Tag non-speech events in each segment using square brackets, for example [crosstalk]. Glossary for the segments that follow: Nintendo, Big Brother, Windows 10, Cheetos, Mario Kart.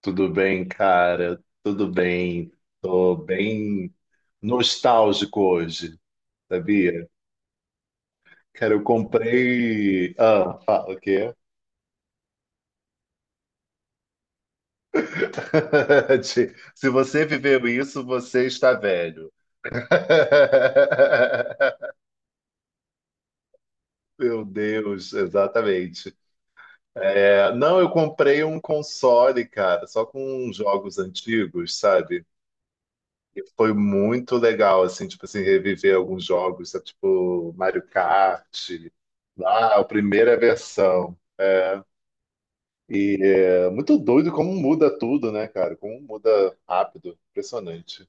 Tudo bem, cara? Tudo bem. Tô bem nostálgico hoje, sabia? Cara, eu comprei. Ah, fala o quê? [laughs] Ti- Se você viveu isso, você está velho. [laughs] Meu Deus, exatamente. Não, eu comprei um console, cara, só com jogos antigos, sabe? E foi muito legal, assim, tipo, reviver alguns jogos, sabe, tipo Mario Kart, lá, a primeira versão. É, e é muito doido como muda tudo, né, cara? Como muda rápido, impressionante.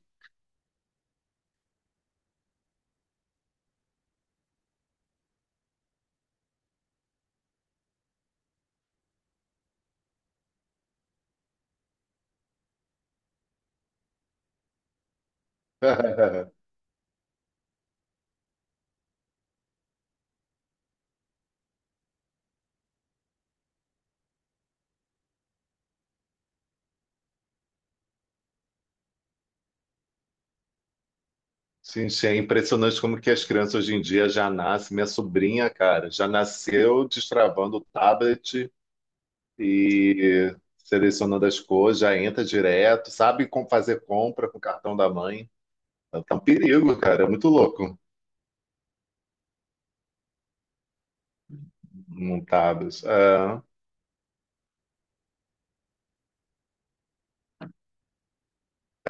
[laughs] Sim, sim, é impressionante como que as crianças hoje em dia já nascem. Minha sobrinha, cara, já nasceu destravando o tablet e selecionando as coisas, já entra direto, sabe como fazer compra com o cartão da mãe. Tá um perigo, cara. É muito louco. Montados. É,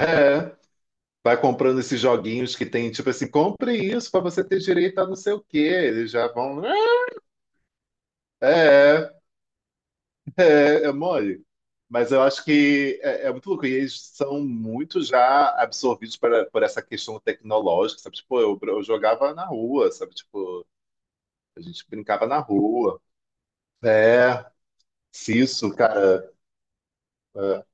é. Vai comprando esses joguinhos que tem, tipo assim, compre isso pra você ter direito a não sei o quê. Eles já vão. É, é, é mole. Mas eu acho que é muito louco. E eles são muito já absorvidos para, por essa questão tecnológica, sabe? Tipo, eu jogava na rua, sabe? Tipo, a gente brincava na rua. É, se isso, cara. É,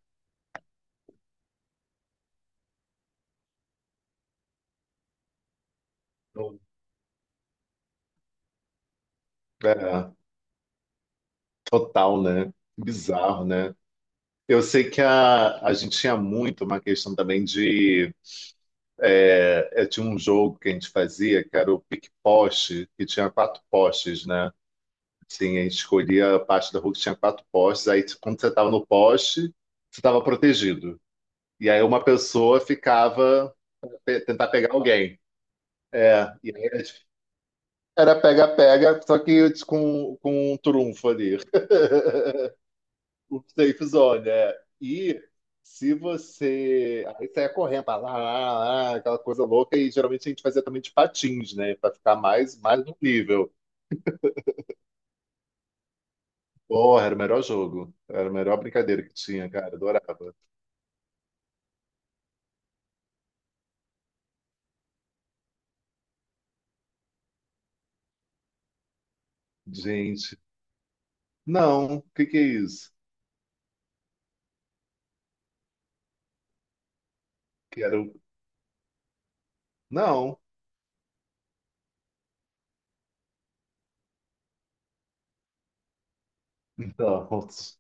é, total, né? Bizarro, né? Eu sei que a gente tinha muito uma questão também de. É, tinha um jogo que a gente fazia, que era o pique-poste, que tinha quatro postes, né? Sim, a gente escolhia a parte da rua que tinha quatro postes, aí tipo, quando você estava no poste, você estava protegido. E aí uma pessoa ficava pe- tentar pegar alguém. É, e aí tipo, era pega-pega, só que com um trunfo ali. O safe zone, é. E se você. Aí você ia correndo, pá, lá, lá, lá, aquela coisa louca, e geralmente a gente fazia também de patins, né? Pra ficar mais no nível. Porra, era o melhor jogo. Era a melhor brincadeira que tinha, cara. Adorava. Gente. Não, o que que é isso? Quero. Não. Então. [laughs]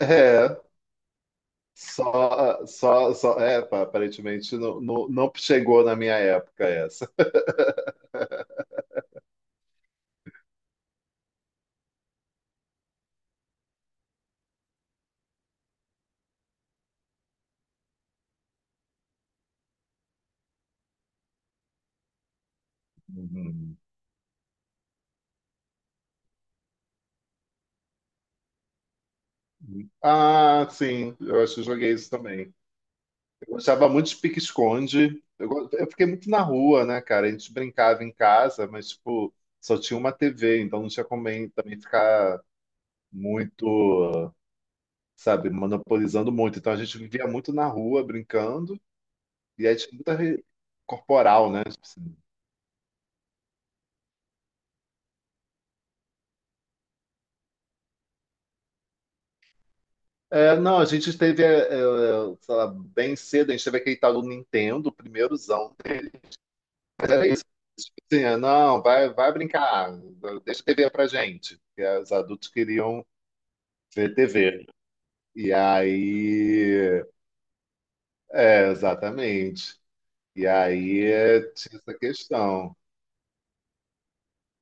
É. Só. É, pá, aparentemente não chegou na minha época essa. [laughs] Uhum. Ah, sim. Eu acho que eu joguei isso também. Eu gostava muito de pique-esconde. Eu, go- eu fiquei muito na rua, né, cara? A gente brincava em casa, mas, tipo, só tinha uma TV, então não tinha como bem- também ficar muito, sabe, monopolizando muito. Então a gente vivia muito na rua, brincando, e aí tinha muita re- corporal, né? Tipo assim. Não, a gente teve, é, sei lá, bem cedo, a gente teve aquele tal do Nintendo, o primeirozão. É isso. Tipo assim, não, vai brincar, deixa a TV pra gente. Porque os adultos queriam ver TV. E aí, é, exatamente. E aí é, tinha essa questão.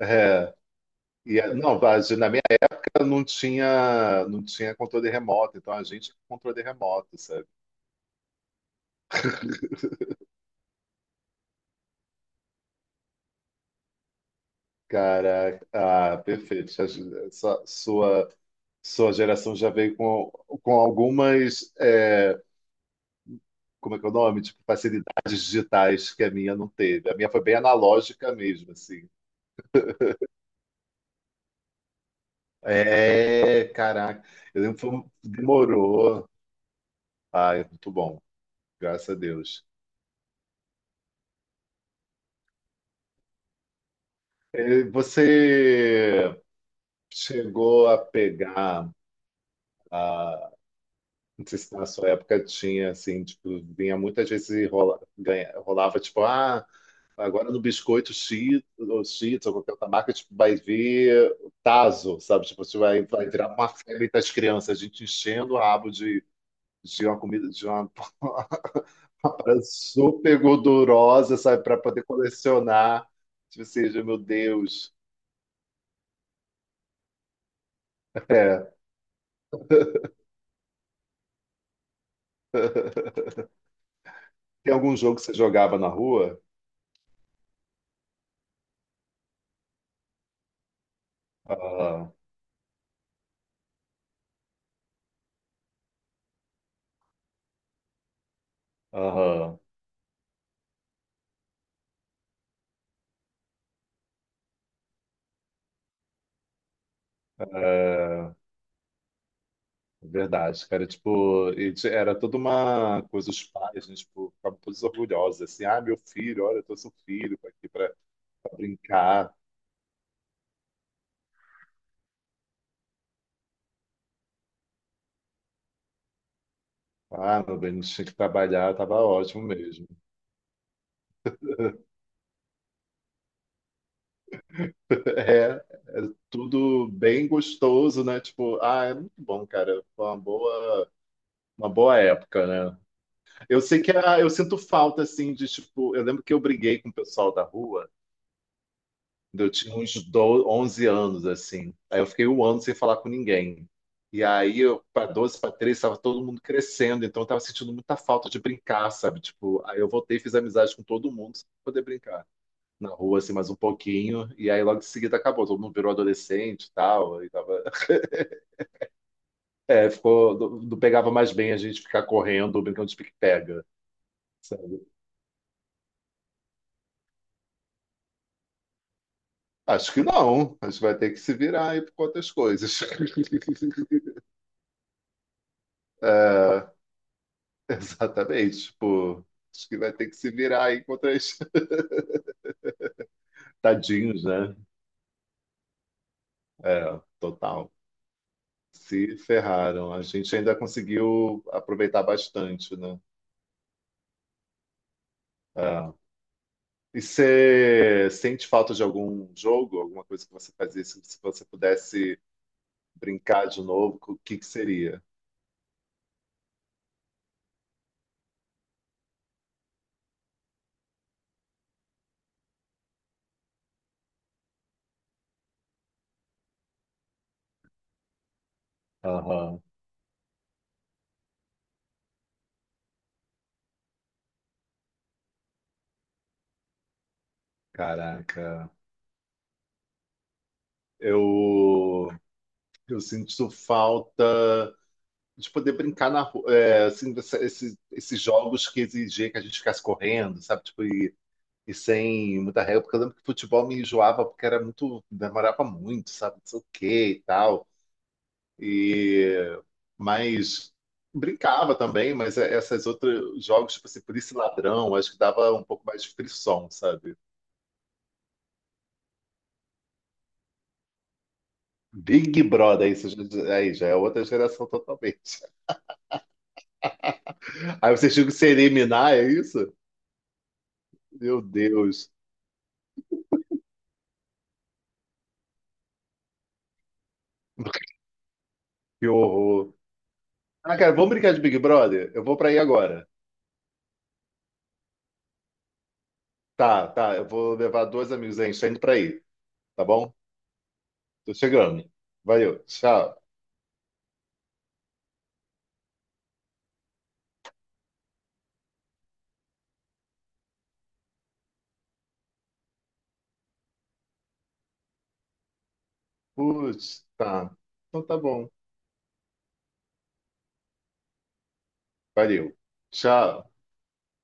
É. Não, a gente- na minha época não tinha, não tinha controle remoto, então a gente com controle remoto, sabe? Cara, ah, perfeito. Já- Sua, sua, sua geração já veio com algumas, é, como é que é o nome? Tipo, facilidades digitais que a minha não teve. A minha foi bem analógica mesmo, assim. É, caraca. Eu lembro que foi um- demorou. Ah, é muito bom, graças a Deus. Eh, você chegou a pegar a, não sei se na sua época tinha assim, tipo, vinha muitas vezes e rola, ganha- rolava tipo, ah, agora no biscoito Cheetos, ou Cheetos, ou qualquer outra marca, tipo, vai vir tazo, sabe? Tipo, você vai virar uma febre das crianças, a gente enchendo o rabo de uma comida, de uma [laughs] parada super gordurosa, sabe, para poder colecionar. Tipo assim, meu Deus. É. Tem algum jogo que você jogava na rua? Aham, aham. É, verdade, cara. Tipo, e ti- era toda uma coisa, os pais, né, tipo, ficavam todos orgulhosos, assim, ah, meu filho, olha, eu trouxe um filho aqui pra, pra brincar. Ah, meu bem, não tinha que trabalhar, tava ótimo mesmo. É, é tudo bem gostoso, né? Tipo, ah, é muito bom, cara. Foi uma boa época, né? Eu sei que ah, eu sinto falta, assim, de, tipo, eu lembro que eu briguei com o pessoal da rua. Eu tinha uns 12, 11 anos, assim. Aí eu fiquei um ano sem falar com ninguém. E aí, para 12 para 13, estava todo mundo crescendo, então eu estava sentindo muita falta de brincar, sabe? Tipo, aí eu voltei e fiz amizade com todo mundo, só pra poder brincar na rua, assim, mais um pouquinho. E aí, logo em seguida, acabou. Todo mundo virou adolescente e tal. E tava... [laughs] É, ficou... Não pegava mais bem a gente ficar correndo, ou brincando de pique-pega, sabe? Acho que não. A gente vai ter que se virar aí por outras coisas. [laughs] É, [laughs] exatamente, tipo, acho que vai ter que se virar aí contra os [laughs] tadinhos, né? É, total. Se ferraram. A gente ainda conseguiu aproveitar bastante, né? É. E você sente falta de algum jogo, alguma coisa que você fazia, se você pudesse brincar de novo, o que que seria? Aham. Caraca. Eu, eu sinto falta de poder brincar na rua, é, assim, essa- esses, esses jogos que exigia que a gente ficasse correndo, sabe? Tipo, e sem muita regra, porque eu lembro que futebol me enjoava porque era muito, demorava muito, sabe? Não sei o quê e tal. E, mas brincava também, mas é- essas outras jogos, tipo assim, polícia e ladrão, acho que dava um pouco mais de frição, sabe? Big Brother, isso já- aí já é outra geração totalmente. Aí vocês tinham que se eliminar, é isso? Meu Deus, [laughs] que horror. Ah, cara, vamos brincar de Big Brother? Eu vou pra aí agora. Tá. Eu vou levar dois amigos aí. A gente tá indo pra aí, tá bom? Tô chegando. Valeu. Tchau. Putz, tá. Então tá bom. Valeu. Tchau.